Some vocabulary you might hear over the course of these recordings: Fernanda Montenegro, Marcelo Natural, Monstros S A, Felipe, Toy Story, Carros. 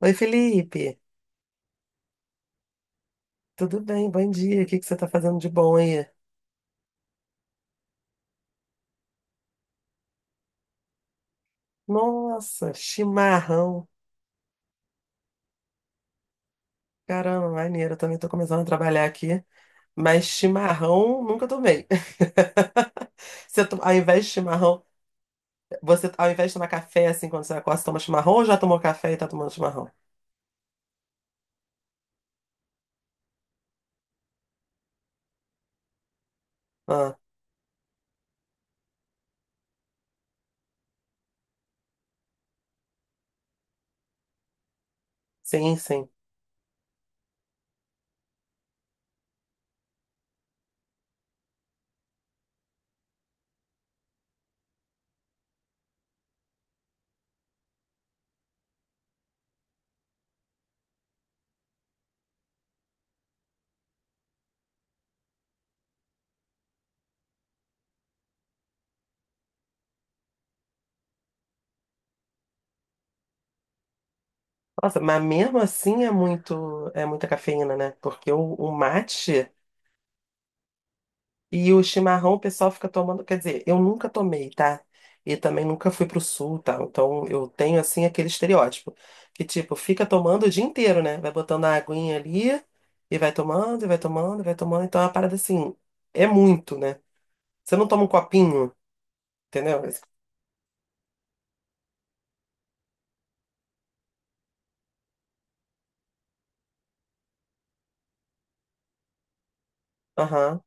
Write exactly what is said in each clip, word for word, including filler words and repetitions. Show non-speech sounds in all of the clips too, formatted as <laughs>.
Oi, Felipe. Tudo bem? Bom dia. O que que você tá fazendo de bom aí? Nossa, chimarrão. Caramba, maneiro. Eu também tô começando a trabalhar aqui, mas chimarrão nunca tomei. <laughs> Você, to- ao invés de chimarrão, você ao invés de tomar café assim quando você acorda, você toma chimarrão ou já tomou café e tá tomando chimarrão? Ah, sim, sim. Nossa, mas mesmo assim é muito, é muita cafeína, né? Porque o, o mate. E o chimarrão o pessoal fica tomando, quer dizer, eu nunca tomei, tá? E também nunca fui pro sul, tá? Então eu tenho assim aquele estereótipo que tipo, fica tomando o dia inteiro, né? Vai botando a aguinha ali e vai tomando, e vai tomando, e vai tomando. Então é uma parada assim, é muito, né? Você não toma um copinho, entendeu? Aham.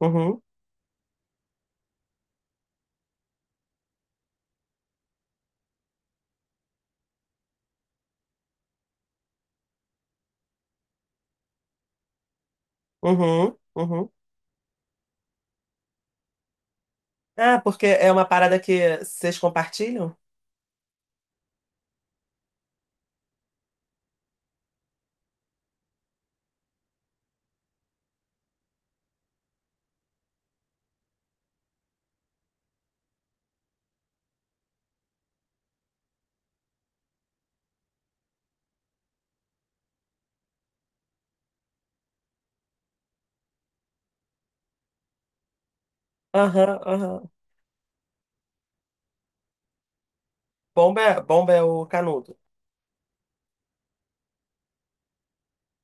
Uhum. Uhum. Uhum. Ah, porque é uma parada que vocês compartilham? Aham, aham. Bomba é, bomba é o canudo.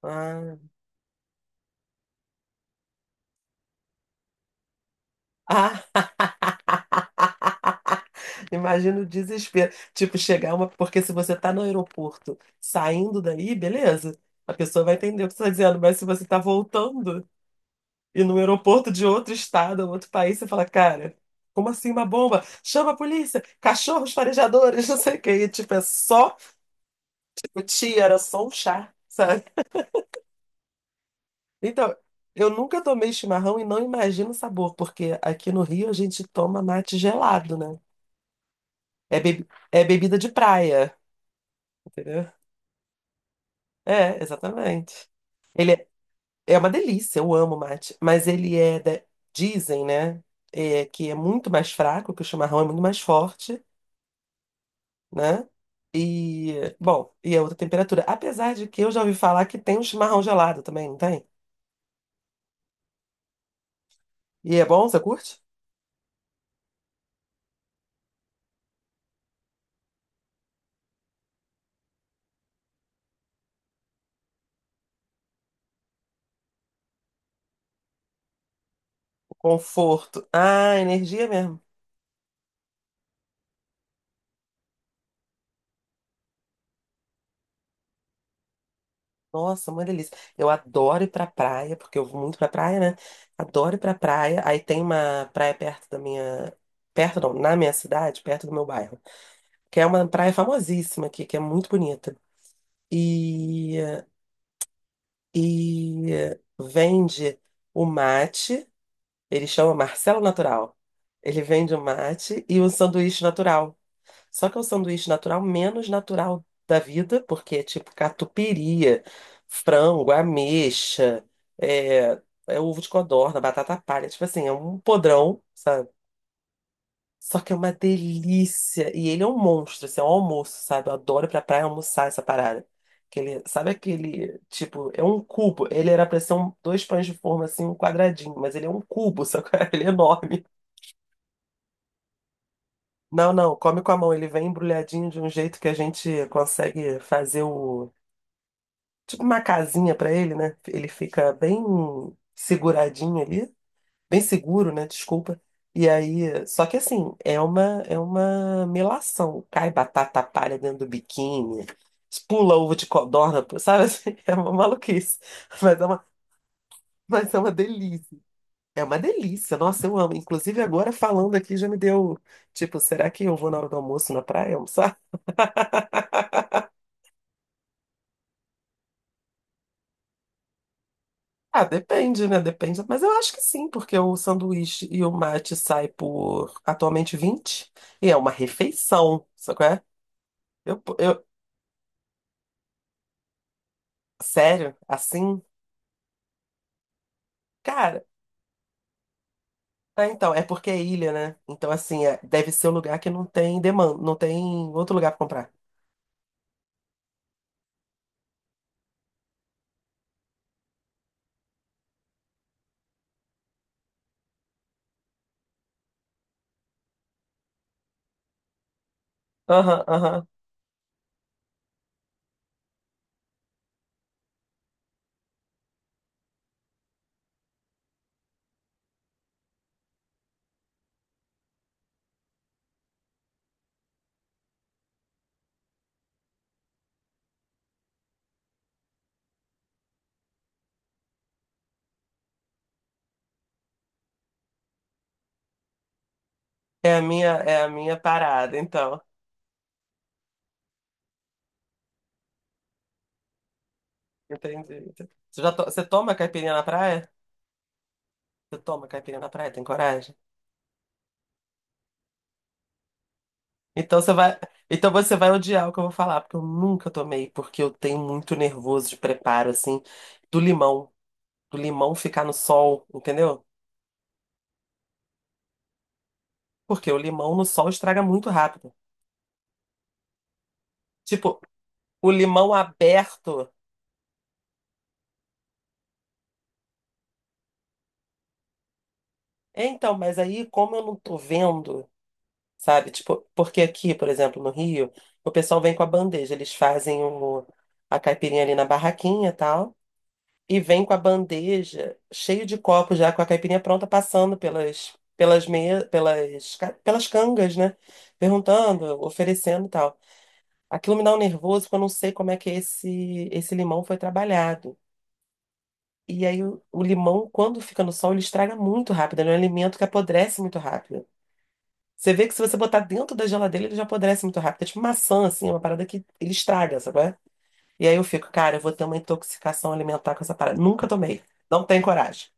Ah. <laughs> Imagina o desespero. Tipo, chegar uma. Porque se você tá no aeroporto saindo daí, beleza. A pessoa vai entender o que você tá dizendo. Mas se você tá voltando e no aeroporto de outro estado, um outro país, você fala, cara, como assim uma bomba? Chama a polícia, cachorros farejadores, <laughs> não sei o quê. E, tipo, é só. O tia era só um chá, sabe? Então, eu nunca tomei chimarrão e não imagino o sabor, porque aqui no Rio a gente toma mate gelado, né? É, bebi- é bebida de praia, entendeu? É, exatamente. Ele é, é uma delícia, eu amo mate, mas ele é, da- dizem, né, é, que é muito mais fraco, que o chimarrão é muito mais forte, né? E, bom, e é outra temperatura. Apesar de que eu já ouvi falar que tem um chimarrão gelado também, não tem? E é bom, você curte? O conforto. Ah, energia mesmo. Nossa, uma delícia. Eu adoro ir pra praia, porque eu vou muito pra praia, né? Adoro ir pra praia. Aí tem uma praia perto da minha. Perto não, na minha cidade, perto do meu bairro que é uma praia famosíssima aqui, que é muito bonita. E, e vende o mate, ele chama Marcelo Natural. Ele vende o mate e o sanduíche natural. Só que é o sanduíche natural menos natural da vida, porque é tipo catupiry, frango, ameixa, é, é ovo de codorna, batata palha, tipo assim, é um podrão, sabe? Só que é uma delícia. E ele é um monstro, assim, é um almoço, sabe? Eu adoro ir pra praia almoçar essa parada. Que ele, sabe aquele, tipo, é um cubo. Ele era pra ser um, dois pães de forma, assim, um quadradinho, mas ele é um cubo, só que <laughs> ele é enorme. Não, não, come com a mão. Ele vem embrulhadinho de um jeito que a gente consegue fazer o, tipo, uma casinha pra ele, né? Ele fica bem seguradinho ali. Bem seguro, né? Desculpa. E aí, só que assim, é uma é uma melação. Cai batata palha dentro do biquíni, pula ovo de codorna, sabe assim? <laughs> É uma maluquice, mas é uma, mas é uma delícia. É uma delícia, nossa, eu amo. Inclusive, agora falando aqui já me deu, tipo, será que eu vou na hora do almoço na praia almoçar? Ah, depende, né? Depende. Mas eu acho que sim, porque o sanduíche e o mate sai por atualmente vinte e é uma refeição, sabe qual é? Eu, eu, Sério? Assim? Cara, ah, então, é porque é ilha, né? Então, assim, é- deve ser um lugar que não tem demanda, não tem outro lugar pra comprar. Aham, aham. É a minha, é a minha parada, então. Entendi. Você já to- você toma caipirinha na praia? Você toma caipirinha na praia? Tem coragem? Então você vai, então você vai odiar o que eu vou falar, porque eu nunca tomei, porque eu tenho muito nervoso de preparo, assim, do limão, do limão ficar no sol, entendeu? Porque o limão no sol estraga muito rápido. Tipo, o limão aberto. É, então, mas aí, como eu não tô vendo, sabe? Tipo, porque aqui, por exemplo, no Rio, o pessoal vem com a bandeja, eles fazem o, a caipirinha ali na barraquinha e tal, e vem com a bandeja cheio de copos já com a caipirinha pronta, passando pelas pelas me, pelas ca- pelas cangas, né? Perguntando, oferecendo e tal. Aquilo me dá um nervoso, porque eu não sei como é que esse esse limão foi trabalhado. E aí o, o limão, quando fica no sol, ele estraga muito rápido. Ele é um alimento que apodrece muito rápido. Você vê que se você botar dentro da geladeira, ele já apodrece muito rápido. É tipo maçã, assim, uma parada que ele estraga, sabe qual é? E aí eu fico, cara, eu vou ter uma intoxicação alimentar com essa parada. Nunca tomei. Não tenho coragem.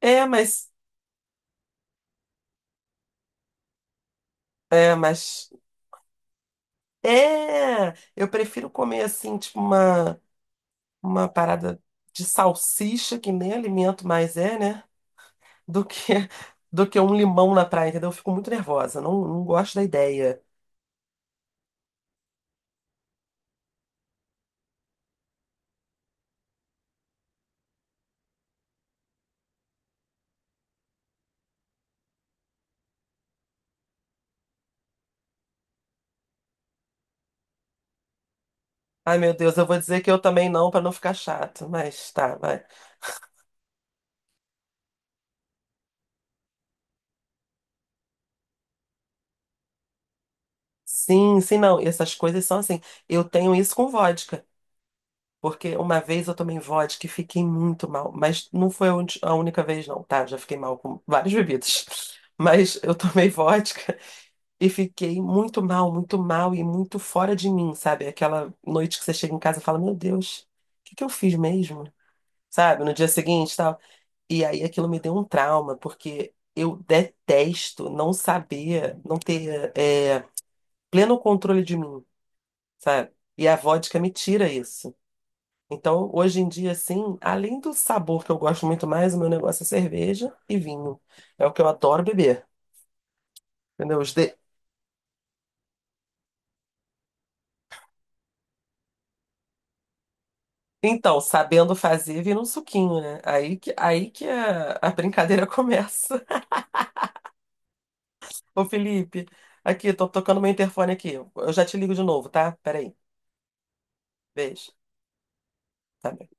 É, mas. É, mas. É! Eu prefiro comer, assim, tipo uma, uma parada de salsicha, que nem alimento mais é, né? Do que, do que um limão na praia, entendeu? Eu fico muito nervosa. Não, não gosto da ideia. Ai, meu Deus, eu vou dizer que eu também não, para não ficar chato, mas tá, vai. Sim, sim, não. Essas coisas são assim. Eu tenho isso com vodka, porque uma vez eu tomei vodka e fiquei muito mal, mas não foi a un- a única vez, não, tá? Já fiquei mal com várias bebidas, <laughs> mas eu tomei vodka e fiquei muito mal, muito mal e muito fora de mim, sabe? Aquela noite que você chega em casa e fala: Meu Deus, o que que eu fiz mesmo? Sabe? No dia seguinte, tal. E aí aquilo me deu um trauma, porque eu detesto não saber, não ter é, pleno controle de mim, sabe? E a vodka me tira isso. Então, hoje em dia, assim, além do sabor que eu gosto muito mais, o meu negócio é cerveja e vinho. É o que eu adoro beber, entendeu? Os de- Então, sabendo fazer, vira um suquinho, né? Aí que, aí que a, a brincadeira <laughs> começa. Ô, Felipe, aqui, tô tocando meu interfone aqui. Eu já te ligo de novo, tá? Peraí. Beijo. Tá